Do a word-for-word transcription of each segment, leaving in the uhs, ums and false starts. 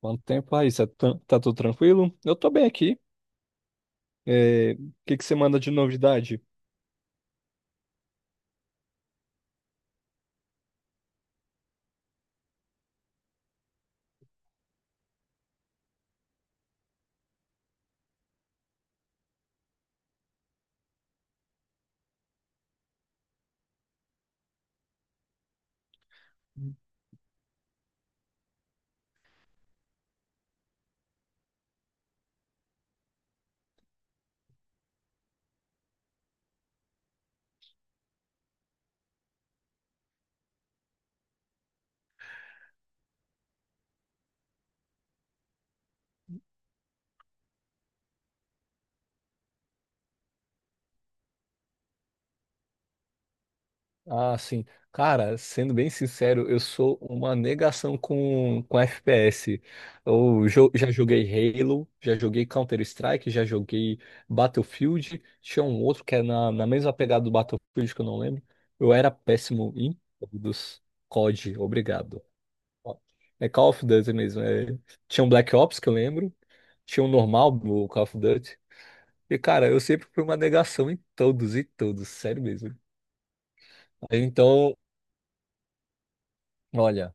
Quanto tempo aí? Cê tá, tá tudo tranquilo? Eu tô bem aqui. É, o que que você manda de novidade? Ah, sim. Cara, sendo bem sincero, eu sou uma negação com, com F P S. Eu jo- já joguei Halo, já joguei Counter-Strike, já joguei Battlefield. Tinha um outro que é na, na mesma pegada do Battlefield que eu não lembro. Eu era péssimo em todos. cod, obrigado. Ó, é Call of Duty mesmo, é. Tinha um Black Ops que eu lembro. Tinha um normal do Call of Duty. E, cara, eu sempre fui uma negação em todos e todos, sério mesmo. Aí, então, olha,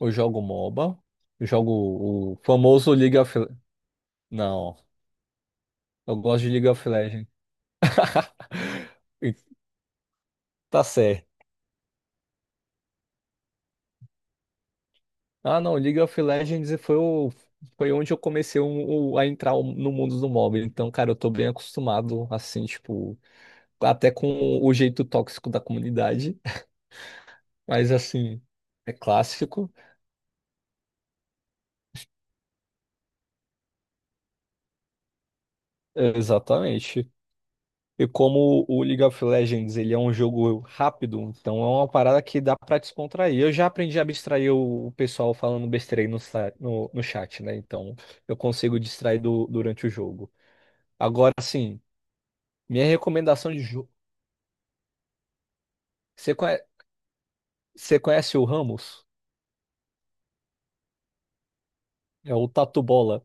eu jogo MOBA, eu jogo o famoso League of... Não, eu gosto de League of Legends. E. Tá certo. Ah, não, League of Legends foi, o... foi onde eu comecei um- o- a entrar um, no mundo do MOBA. Então, cara, eu tô bem acostumado, assim, tipo, até com o jeito tóxico da comunidade. Mas, assim, é clássico. Exatamente. E como o League of Legends ele é um jogo rápido, então é uma parada que dá pra descontrair. Eu já aprendi a abstrair o o pessoal falando besteira aí no, sa- no, no chat, né? Então eu consigo distrair do- durante o jogo. Agora sim, minha recomendação de jogo. Você conhe- você conhece o Ramos? É o Tatu Bola.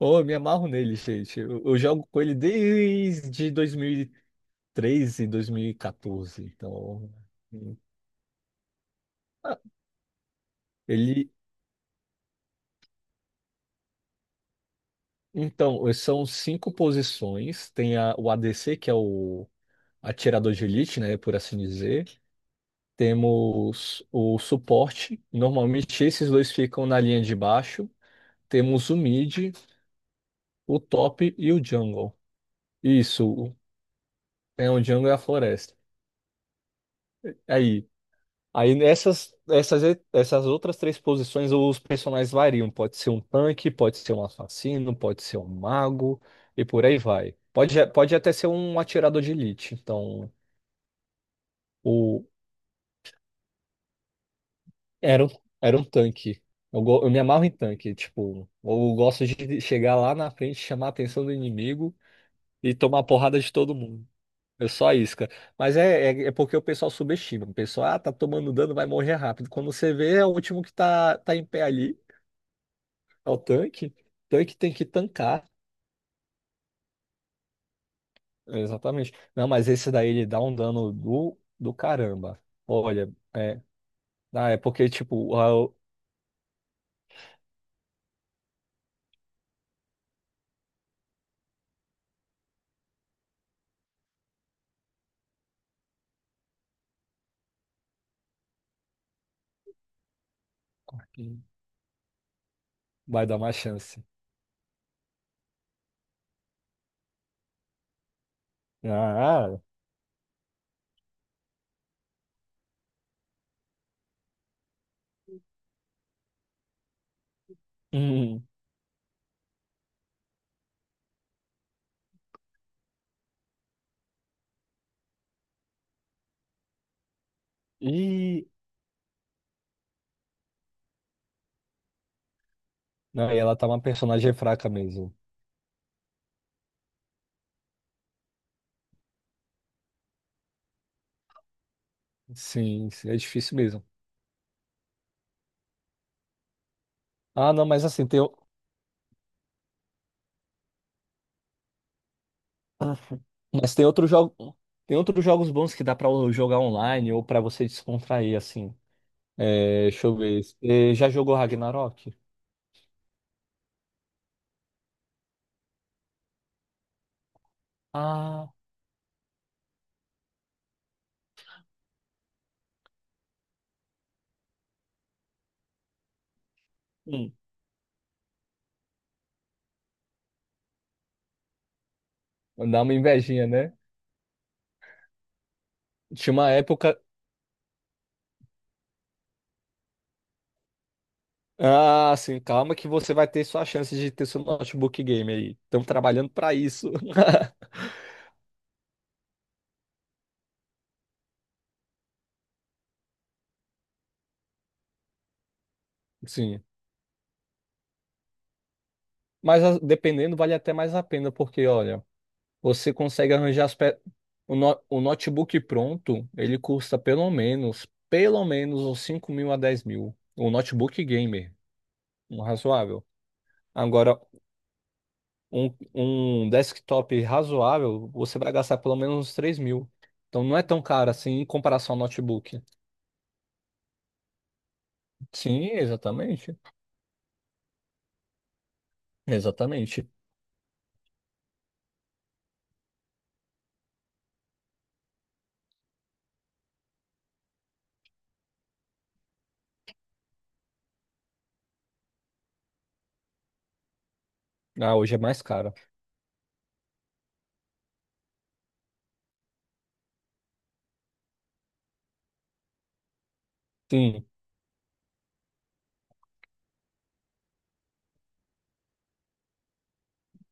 Oh, eu me amarro nele, gente. Eu, eu jogo com ele desde dois mil e treze, dois mil e quatorze. Então, hum, ah, ele. Então, eh, são cinco posições. Tem a- o A D C, que é o atirador de elite, né, por assim dizer. Temos o suporte. Normalmente esses dois ficam na linha de baixo. Temos o mid, o top e o jungle. Isso, o- é o jungle e a floresta. Aí, aí nessas, essas, essas outras três posições os personagens variam. Pode ser um tanque, pode ser um assassino, pode ser um mago e por aí vai. Pode, pode até ser um atirador de elite. Então, O, era, um- era um tanque. Eu, go- eu me amarro em tanque, tipo, eu gosto de chegar lá na frente, chamar a atenção do inimigo e tomar porrada de todo mundo. Eu só a isca. Mas é, é, é porque o pessoal subestima. O pessoal, ah, tá tomando dano, vai morrer rápido. Quando você vê, é o último que tá, tá em pé ali. É o tanque. Tanque tem que tancar. Exatamente. Não, mas esse daí ele dá um dano do, do caramba. Olha, é, ah, é porque, tipo, ah, eu- vai dar uma chance. Ah, e. Não, e ela tá uma personagem fraca mesmo. Sim, sim, é difícil mesmo. Ah, não, mas assim, tem, o- mas tem outro jogo, tem outros jogos bons que dá pra jogar online ou pra você descontrair, assim. É, deixa eu ver. Você já jogou Ragnarok? Ah, hum. Dá uma invejinha, né? Tinha uma época. Ah, sim, calma que você vai ter sua chance de ter seu notebook game aí. Estamos trabalhando pra isso. Sim. Mas a- dependendo, vale até mais a pena, porque, olha. Você consegue arranjar as pe... o, no- o notebook pronto, ele custa pelo menos, pelo menos uns cinco mil a dez mil. Um notebook gamer, um razoável. Agora, um, um desktop razoável, você vai gastar pelo menos uns três mil. Então não é tão caro assim em comparação ao notebook. Sim, exatamente. Exatamente. Ah, hoje é mais caro. Sim.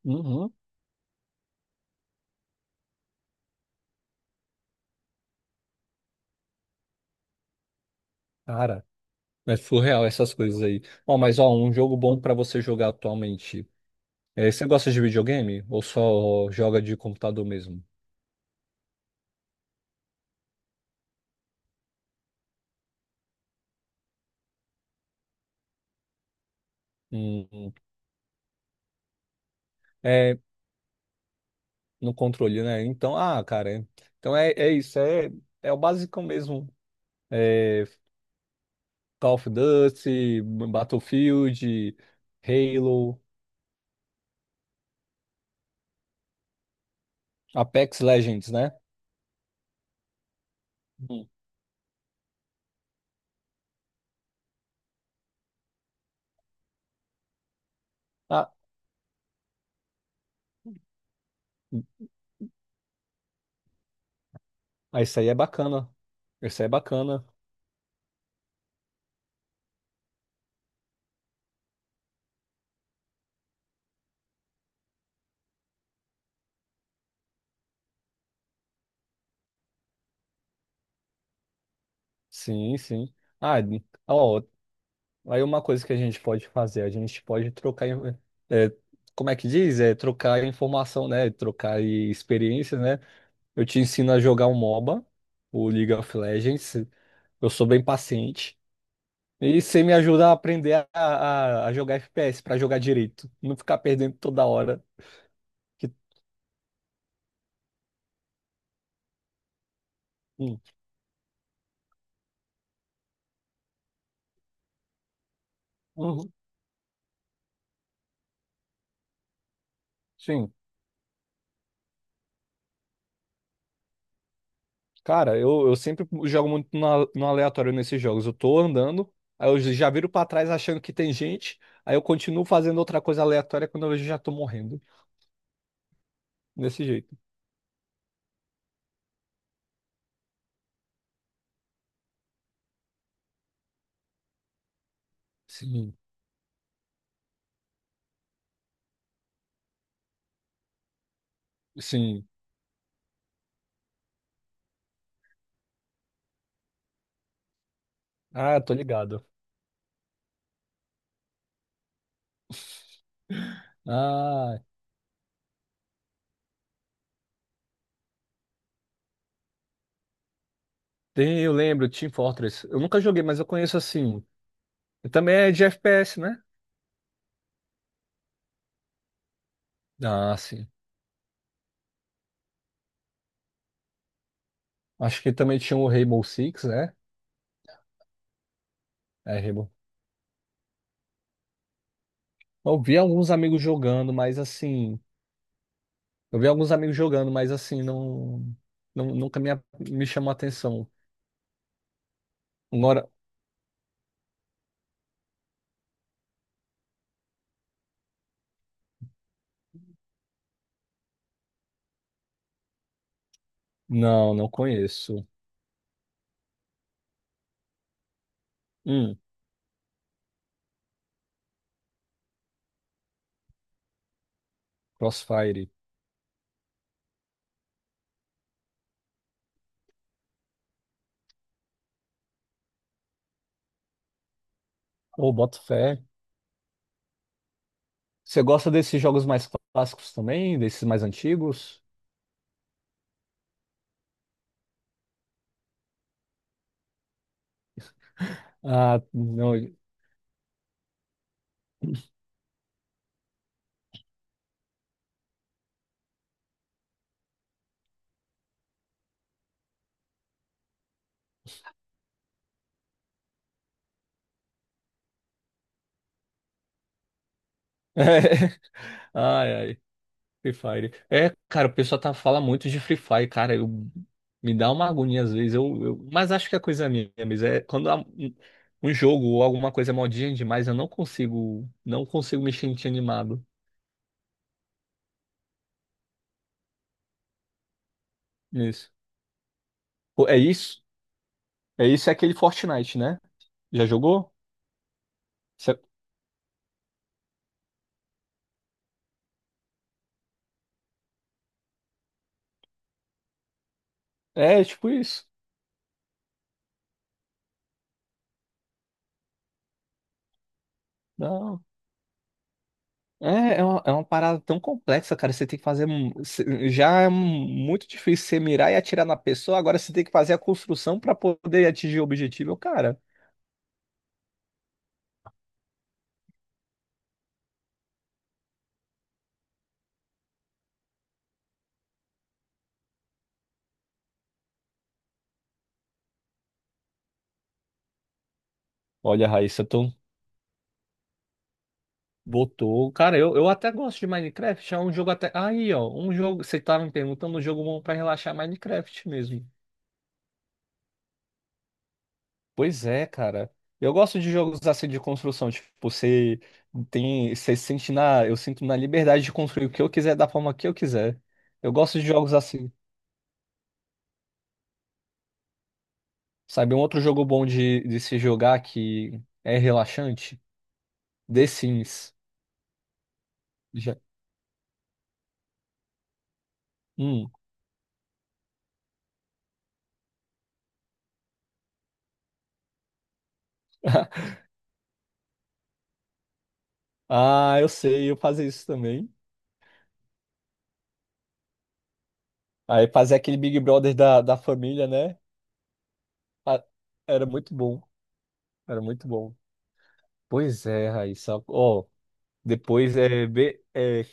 Uhum. Cara, é surreal essas coisas aí. Ó, mas ó, um jogo bom pra você jogar atualmente. É, você gosta de videogame ou só joga de computador mesmo? Hum, hum. é no controle, né? Então, ah, cara, é- então é, é isso, é, é o básico mesmo. É, Call of Duty, Battlefield, Halo, Apex Legends, né? Hum. Ah, ah, isso aí é bacana. Isso aí é bacana. Sim, sim. Ah, ó, aí uma coisa que a gente pode fazer, a gente pode trocar, in- é, como é que diz? É trocar informação, né? Trocar e experiências, né? Eu te ensino a jogar um MOBA, o League of Legends. Eu sou bem paciente. E você me ajuda a aprender a, a- a jogar F P S para jogar direito, não ficar perdendo toda hora. Que... Hum. Uhum. Sim. Cara, eu, eu sempre jogo muito no, no aleatório nesses jogos. Eu tô andando, aí eu já viro pra trás achando que tem gente, aí eu continuo fazendo outra coisa aleatória quando eu vejo já tô morrendo. Desse jeito. Sim, sim. Ah, tô ligado. Ah, tem, eu lembro, Team Fortress. Eu nunca joguei, mas eu conheço assim. Também é de F P S, né? Ah, sim. Acho que também tinha o Rainbow Six, né? É, Rainbow. Eu vi alguns amigos jogando, mas assim. Eu vi alguns amigos jogando, mas assim, não, não nunca me, a- me chamou a atenção. Agora, não, não conheço. Hum, Crossfire. Ô, boto fé. Você gosta desses jogos mais clássicos também? Desses mais antigos? Ah, não. Ai, ai. Free Fire. É, cara, o pessoal tá, fala muito de Free Fire, cara. Eu, me dá uma agonia às vezes. Eu, eu- mas acho que é coisa é minha, mas é quando há um um jogo ou alguma coisa é modinha demais, eu não consigo, não consigo me sentir animado. Isso. Pô, é isso? É isso, é aquele Fortnite, né? Já jogou? Cê- É, tipo isso. Não. É, é uma, é uma parada tão complexa, cara. Você tem que fazer. um- cê- Já é muito difícil você mirar e atirar na pessoa. Agora você tem que fazer a construção pra poder atingir o objetivo, cara. Olha, Raíssa, tu botou. Cara, eu, eu até gosto de Minecraft. É um jogo até. Aí, ó. Um jogo. Você tava me perguntando um jogo bom pra relaxar Minecraft mesmo. Pois é, cara. Eu gosto de jogos assim de construção, tipo, você tem, você sente na, eu sinto na liberdade de construir o que eu quiser da forma que eu quiser. Eu gosto de jogos assim, sabe? Um outro jogo bom de, de se jogar que é relaxante, The Sims. Já. Hum. Ah, eu sei, eu fazia isso também. Aí fazer aquele Big Brother da, da família, né? Ah, era muito bom, era muito bom. Pois é, Raíssa. Ó, depois é, be- é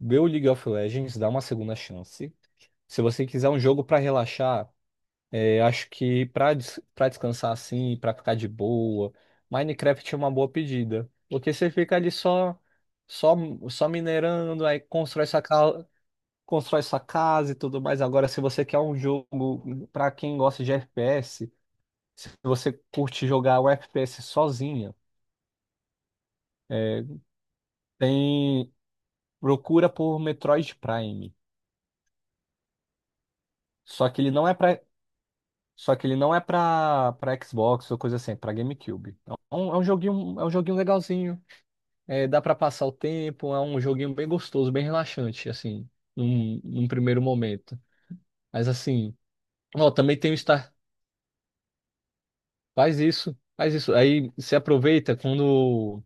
Vê o League of Legends, dá uma segunda chance. Se você quiser um jogo pra relaxar, é, acho que pra des para descansar assim, pra ficar de boa, Minecraft é uma boa pedida, porque você fica ali só só só minerando, aí constrói sua casa, constrói sua casa e tudo mais. Agora, se você quer um jogo pra quem gosta de F P S, se você curte jogar o F P S sozinha, tem procura por Metroid Prime. Só que ele não é pra Só que ele não é pra, pra Xbox ou coisa assim, é pra GameCube. É um, é um joguinho, é um joguinho legalzinho. É, dá pra passar o tempo, é um joguinho bem gostoso, bem relaxante, assim, num, num primeiro momento. Mas assim, ó, também tem o Star. Faz isso, faz isso. Aí você aproveita quando,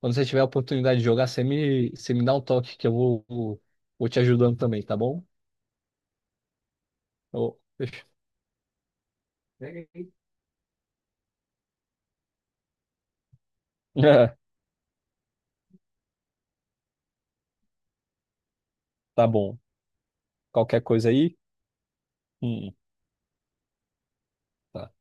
quando você tiver a oportunidade de jogar, você me, você me dá um toque que eu vou, vou, vou te ajudando também, tá bom? Eu- deixa- Tá bom. Qualquer coisa aí? Hum, tá.